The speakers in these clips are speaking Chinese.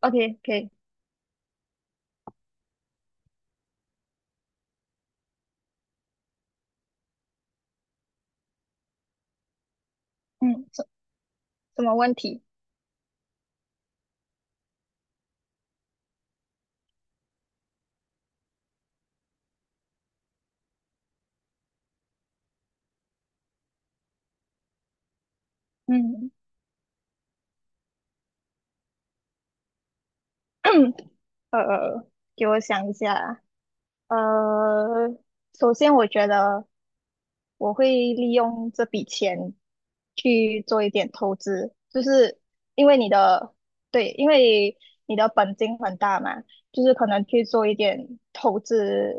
OK，可以，嗯，什么问题？嗯，呃，给我想一下。呃，首先我觉得我会利用这笔钱去做一点投资，就是因为你的，对，因为你的本金很大嘛，就是可能去做一点投资，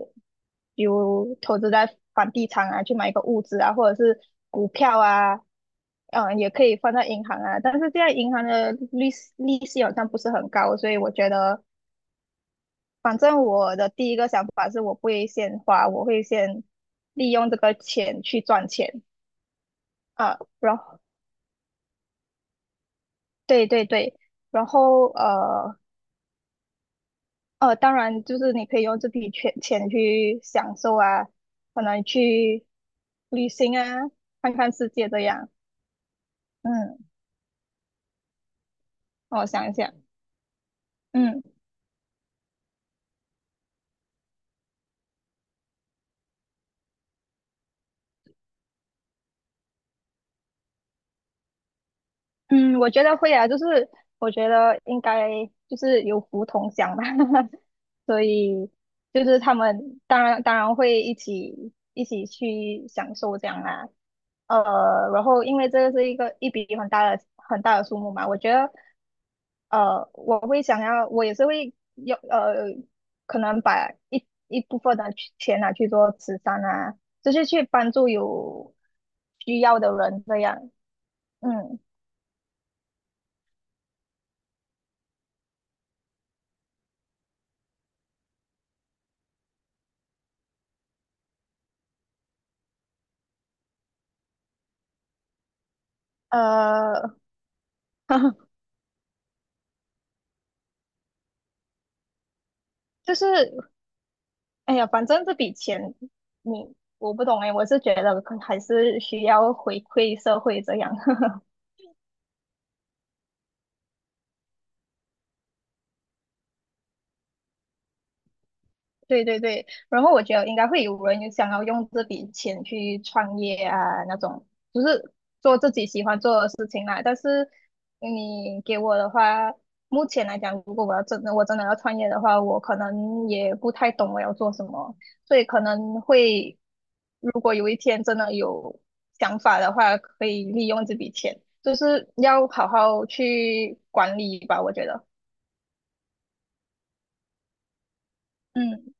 比如投资在房地产啊，去买一个物资啊，或者是股票啊，嗯，也可以放在银行啊，但是现在银行的利息好像不是很高，所以我觉得，反正我的第一个想法是我不会先花，我会先利用这个钱去赚钱。啊，然后对对对，然后当然就是你可以用这笔钱去享受啊，可能去旅行啊，看看世界这样。嗯，我想一想，嗯嗯，我觉得会啊，就是我觉得应该就是有福同享吧，所以就是他们当然会一起去享受这样啦。然后因为这个是一个一笔很大的数目嘛，我觉得我会想要，我也是会有可能把一部分的去钱拿去做慈善啊，就是去帮助有需要的人这样。嗯，呃，就是哎呀，反正这笔钱你我不懂哎，我是觉得可还是需要回馈社会这样。对对对，然后我觉得应该会有人有想要用这笔钱去创业啊，那种就是做自己喜欢做的事情啦。但是你给我的话，目前来讲，如果我真的要创业的话，我可能也不太懂我要做什么，所以可能会，如果有一天真的有想法的话，可以利用这笔钱，就是要好好去管理吧，我觉得。嗯，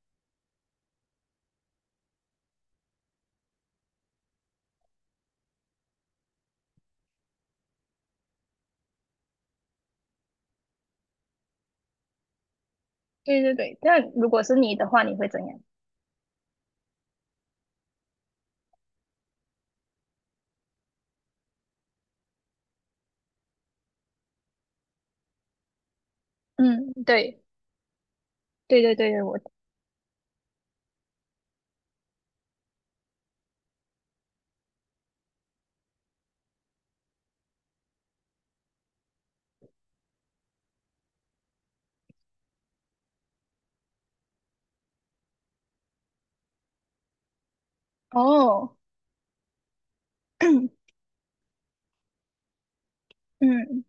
对对对。那如果是你的话，你会怎样？嗯，对，对对对对，我哦，嗯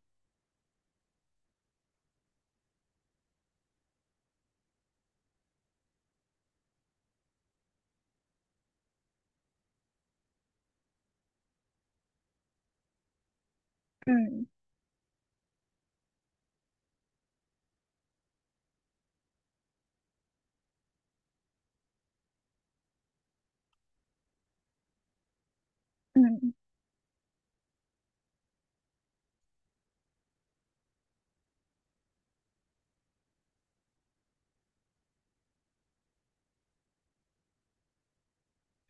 嗯嗯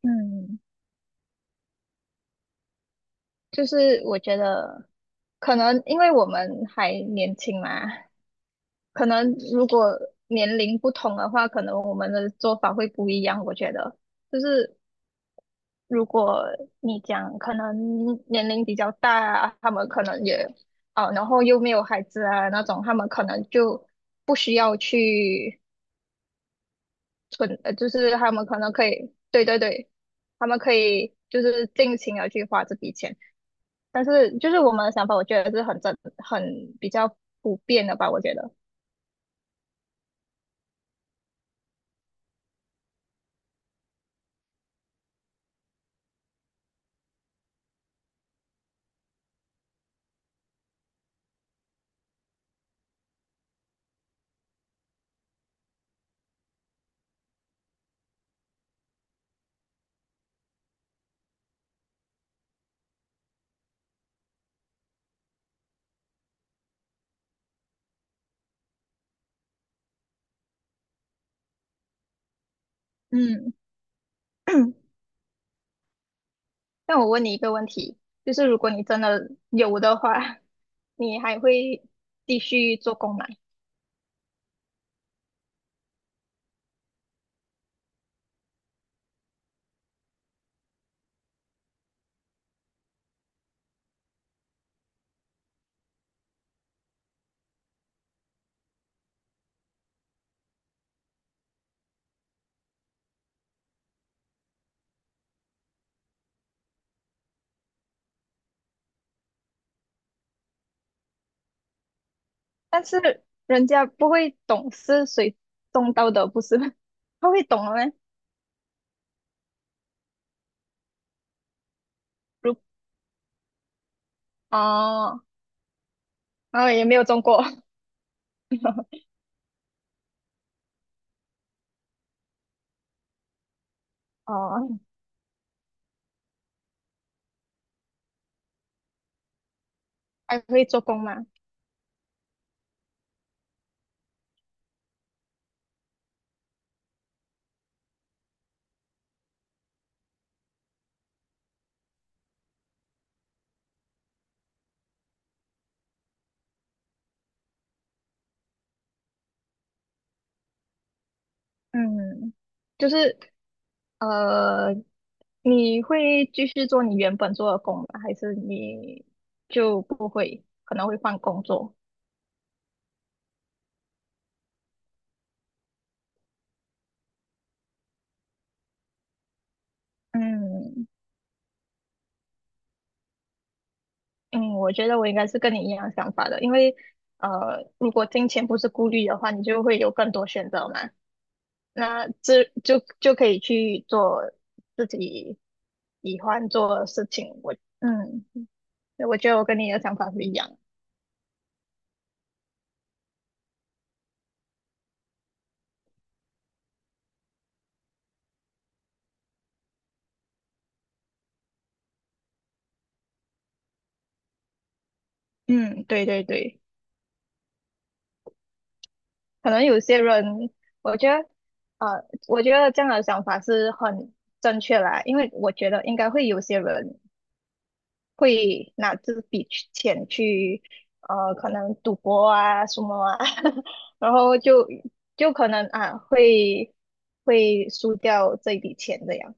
嗯，就是我觉得可能因为我们还年轻嘛，可能如果年龄不同的话，可能我们的做法会不一样。我觉得就是如果你讲可能年龄比较大啊，他们可能也哦，然后又没有孩子啊那种，他们可能就不需要去。存，就是他们可能可以，对对对，他们可以就是尽情的去花这笔钱，但是就是我们的想法，我觉得是很正，很比较普遍的吧，我觉得，嗯，那我问你一个问题，就是如果你真的有的话，你还会继续做工吗？但是人家不会懂是谁种到的，不是吗 他会懂的吗？如哦，然后也没有种过，哦，还会做工吗？嗯，就是呃，你会继续做你原本做的工吗？还是你就不会，可能会换工作？嗯嗯，我觉得我应该是跟你一样想法的，因为如果金钱不是顾虑的话，你就会有更多选择嘛。那这就就可以去做自己喜欢做的事情。我嗯，我觉得我跟你的想法不一样。嗯，对对对。可能有些人，我觉得，呃，我觉得这样的想法是很正确啦，因为我觉得应该会有些人会拿这笔去钱去，可能赌博啊什么啊，然后就就可能啊会会输掉这笔钱这样，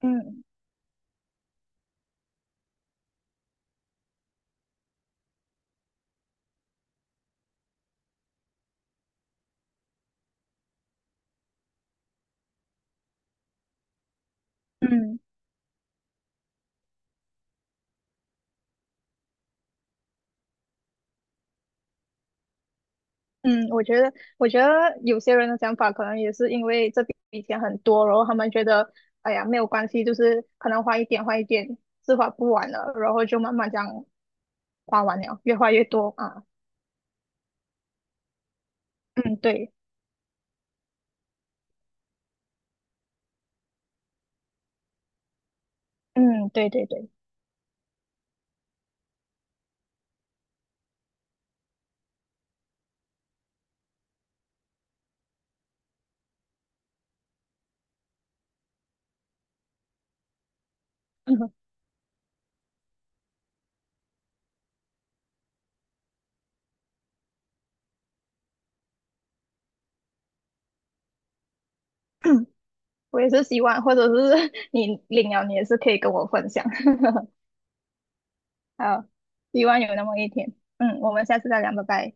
嗯。嗯。嗯，我觉得，我觉得有些人的想法可能也是因为这笔钱很多，然后他们觉得，哎呀，没有关系，就是可能花一点，是花不完了，然后就慢慢这样花完了，越花越多啊。嗯，对，嗯，对对对，我也是希望，或者是 你领了，你也是可以跟我分享。好，希望有那么一天。嗯，我们下次再聊，拜拜。